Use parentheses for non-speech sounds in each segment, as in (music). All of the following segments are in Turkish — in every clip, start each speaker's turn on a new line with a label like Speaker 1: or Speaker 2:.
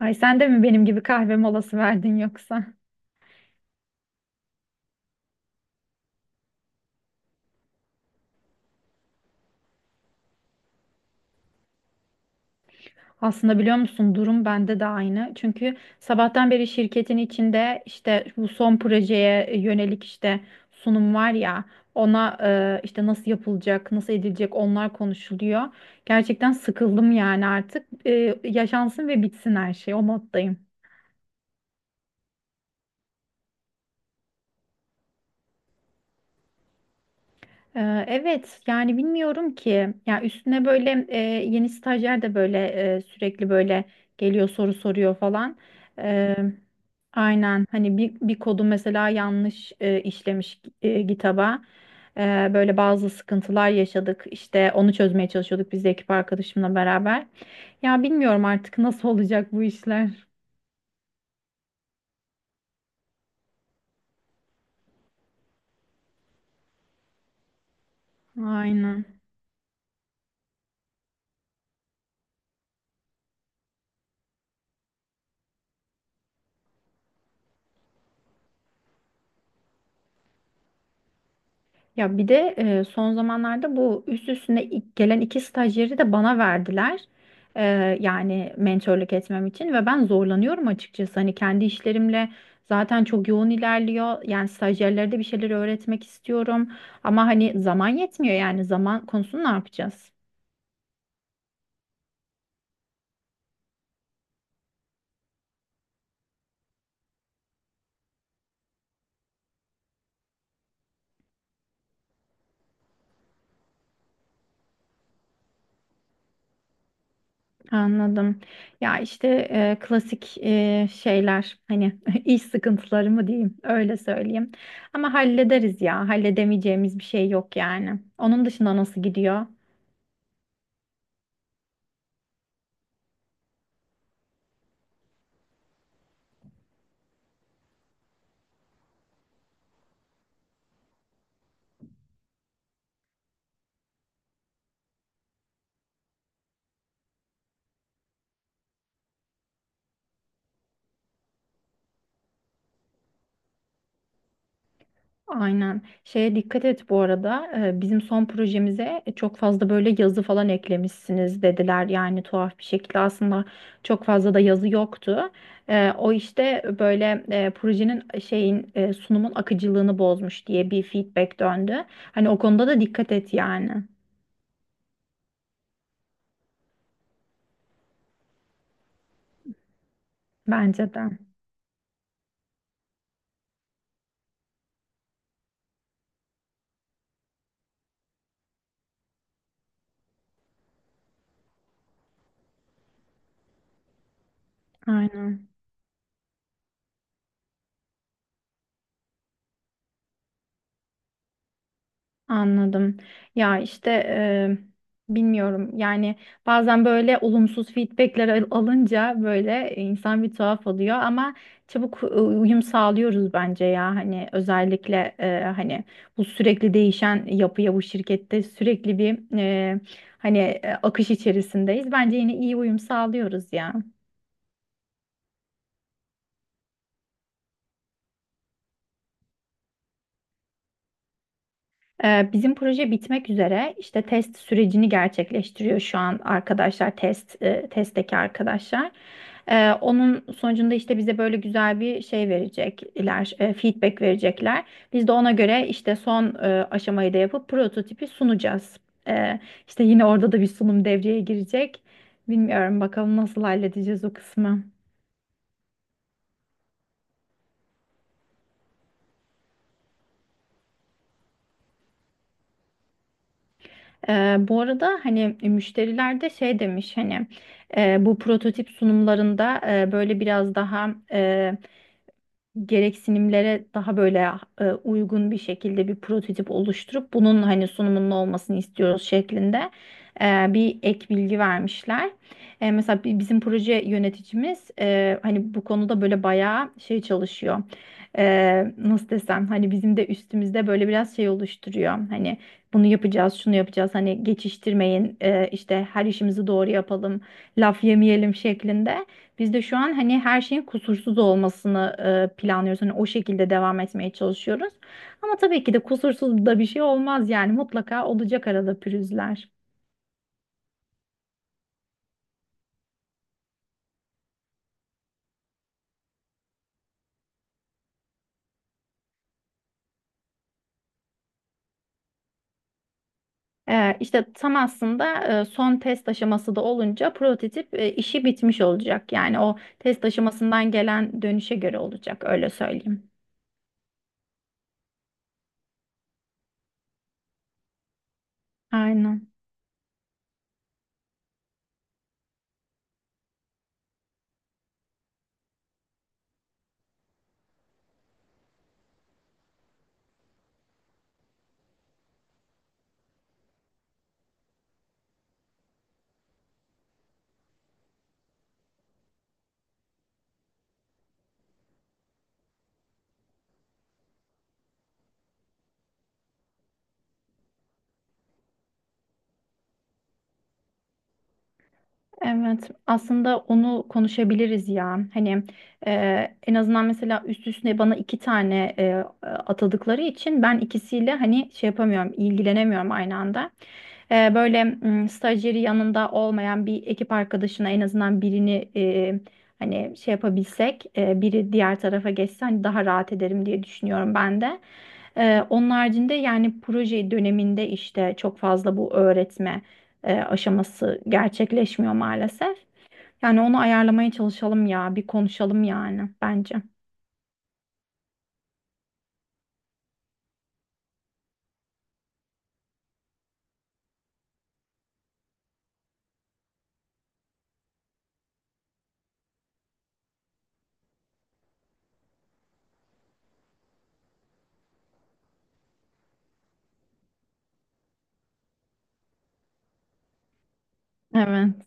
Speaker 1: Ay sen de mi benim gibi kahve molası verdin yoksa? Aslında biliyor musun durum bende de aynı. Çünkü sabahtan beri şirketin içinde işte bu son projeye yönelik işte sunum var ya ona işte nasıl yapılacak, nasıl edilecek onlar konuşuluyor. Gerçekten sıkıldım yani artık. Yaşansın ve bitsin her şey o moddayım. Evet yani bilmiyorum ki ya üstüne böyle yeni stajyer de böyle sürekli böyle geliyor soru soruyor falan. Ee, aynen hani bir kodu mesela yanlış işlemiş GitHub'a. Böyle bazı sıkıntılar yaşadık, işte onu çözmeye çalışıyorduk biz de ekip arkadaşımla beraber. Ya bilmiyorum artık nasıl (laughs) olacak bu işler, aynen. Ya bir de son zamanlarda bu üst üstüne ilk gelen iki stajyeri de bana verdiler. E, Yani mentörlük etmem için ve ben zorlanıyorum açıkçası. Hani kendi işlerimle zaten çok yoğun ilerliyor. Yani stajyerlere de bir şeyler öğretmek istiyorum. Ama hani zaman yetmiyor, yani zaman konusunu ne yapacağız? Anladım. Ya işte e, klasik şeyler, hani (laughs) iş sıkıntıları mı diyeyim öyle söyleyeyim. Ama hallederiz ya, halledemeyeceğimiz bir şey yok yani. Onun dışında nasıl gidiyor? Aynen. Şeye dikkat et bu arada. Bizim son projemize çok fazla böyle yazı falan eklemişsiniz dediler. Yani tuhaf bir şekilde aslında çok fazla da yazı yoktu. O işte böyle projenin şeyin sunumun akıcılığını bozmuş diye bir feedback döndü. Hani o konuda da dikkat et yani. Bence de. Aynen. Anladım. Ya işte bilmiyorum. Yani bazen böyle olumsuz feedbackler alınca böyle insan bir tuhaf oluyor ama çabuk uyum sağlıyoruz bence ya. Hani özellikle hani bu sürekli değişen yapıya, bu şirkette sürekli bir hani akış içerisindeyiz. Bence yine iyi uyum sağlıyoruz ya. Bizim proje bitmek üzere. İşte test sürecini gerçekleştiriyor şu an arkadaşlar, testteki arkadaşlar. Onun sonucunda işte bize böyle güzel bir şey verecekler, feedback verecekler. Biz de ona göre işte son aşamayı da yapıp prototipi sunacağız. Ee, İşte yine orada da bir sunum devreye girecek. Bilmiyorum bakalım nasıl halledeceğiz o kısmı. Bu arada hani müşteriler de şey demiş, hani bu prototip sunumlarında böyle biraz daha gereksinimlere daha böyle uygun bir şekilde bir prototip oluşturup bunun hani sunumunun olmasını istiyoruz şeklinde bir ek bilgi vermişler. E, mesela bizim proje yöneticimiz hani bu konuda böyle bayağı şey çalışıyor. E, nasıl desem hani bizim de üstümüzde böyle biraz şey oluşturuyor. Hani bunu yapacağız, şunu yapacağız. Hani geçiştirmeyin, işte her işimizi doğru yapalım, laf yemeyelim şeklinde. Biz de şu an hani her şeyin kusursuz olmasını planlıyoruz. Hani o şekilde devam etmeye çalışıyoruz. Ama tabii ki de kusursuz da bir şey olmaz yani, mutlaka olacak arada pürüzler. E, işte tam aslında son test aşaması da olunca prototip işi bitmiş olacak. Yani o test aşamasından gelen dönüşe göre olacak, öyle söyleyeyim. Aynen. Evet, aslında onu konuşabiliriz ya. Hani en azından mesela üst üste bana iki tane atadıkları için ben ikisiyle hani şey yapamıyorum, ilgilenemiyorum aynı anda. E, böyle stajyeri yanında olmayan bir ekip arkadaşına en azından birini hani şey yapabilsek, biri diğer tarafa geçse hani daha rahat ederim diye düşünüyorum ben de. E, onun haricinde yani proje döneminde işte çok fazla bu öğretme aşaması gerçekleşmiyor maalesef. Yani onu ayarlamaya çalışalım ya, bir konuşalım yani bence. Evet,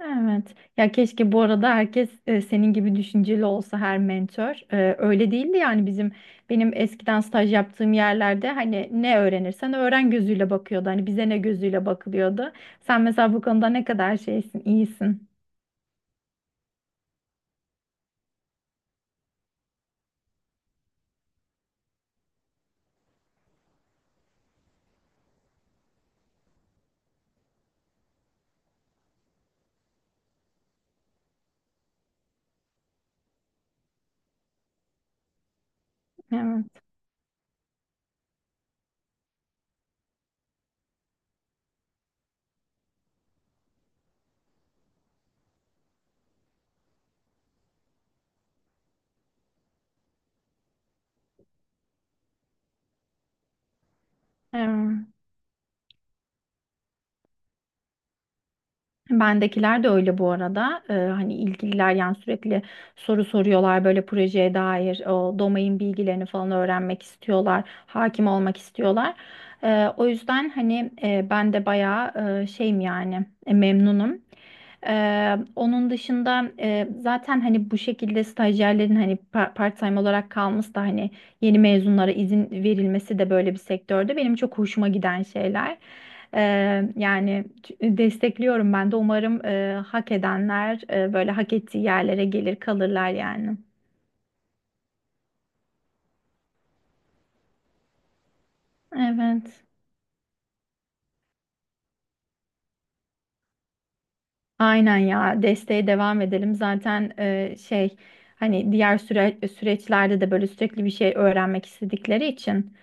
Speaker 1: evet. Ya keşke bu arada herkes senin gibi düşünceli olsa her mentor. E, öyle değildi yani benim eskiden staj yaptığım yerlerde hani ne öğrenirsen öğren gözüyle bakıyordu. Hani bize ne gözüyle bakılıyordu. Sen mesela bu konuda ne kadar şeysin, iyisin. Evet, evet. Bendekiler de öyle bu arada. Hani ilgililer yani sürekli soru soruyorlar, böyle projeye dair o domain bilgilerini falan öğrenmek istiyorlar. Hakim olmak istiyorlar. O yüzden hani ben de bayağı şeyim yani, memnunum. Onun dışında zaten hani bu şekilde stajyerlerin hani part-time olarak kalması da hani yeni mezunlara izin verilmesi de böyle bir sektörde benim çok hoşuma giden şeyler. Yani destekliyorum ben de. Umarım hak edenler böyle hak ettiği yerlere gelir kalırlar yani. Evet. Aynen ya, desteğe devam edelim. Zaten şey, hani diğer süreçlerde de böyle sürekli bir şey öğrenmek istedikleri için.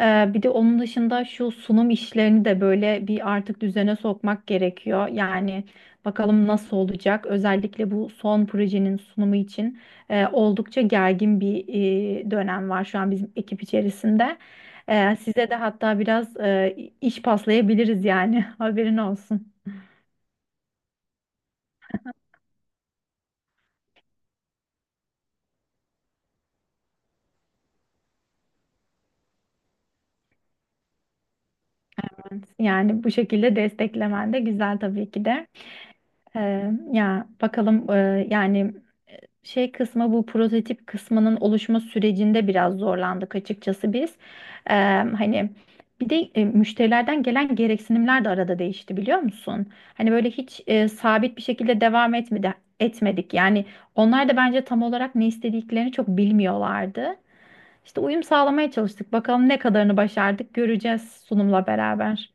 Speaker 1: E, bir de onun dışında şu sunum işlerini de böyle bir artık düzene sokmak gerekiyor. Yani bakalım nasıl olacak. Özellikle bu son projenin sunumu için oldukça gergin bir dönem var şu an bizim ekip içerisinde. E, size de hatta biraz iş paslayabiliriz yani (laughs) haberin olsun. Yani bu şekilde desteklemen de güzel tabii ki de. Ya bakalım yani şey kısmı, bu prototip kısmının oluşma sürecinde biraz zorlandık açıkçası biz. Hani bir de müşterilerden gelen gereksinimler de arada değişti, biliyor musun? Hani böyle hiç sabit bir şekilde devam etmedik. Yani onlar da bence tam olarak ne istediklerini çok bilmiyorlardı. İşte uyum sağlamaya çalıştık. Bakalım ne kadarını başardık göreceğiz sunumla beraber.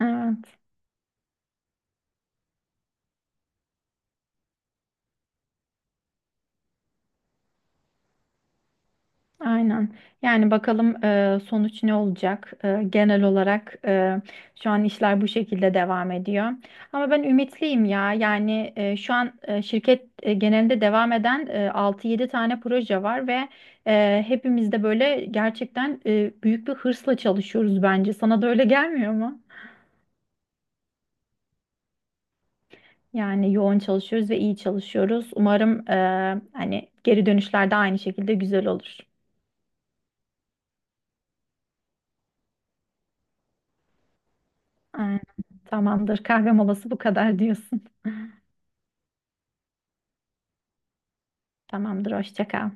Speaker 1: Evet. Aynen. Yani bakalım sonuç ne olacak? Genel olarak şu an işler bu şekilde devam ediyor. Ama ben ümitliyim ya. Yani şu an şirket genelinde devam eden 6-7 tane proje var ve hepimiz de gerçekten büyük bir hırsla çalışıyoruz bence. Sana da öyle gelmiyor mu? Yani yoğun çalışıyoruz ve iyi çalışıyoruz. Umarım hani geri dönüşler de aynı şekilde güzel olur. Aynen. Tamamdır. Kahve molası bu kadar diyorsun. (laughs) Tamamdır, hoşça kal.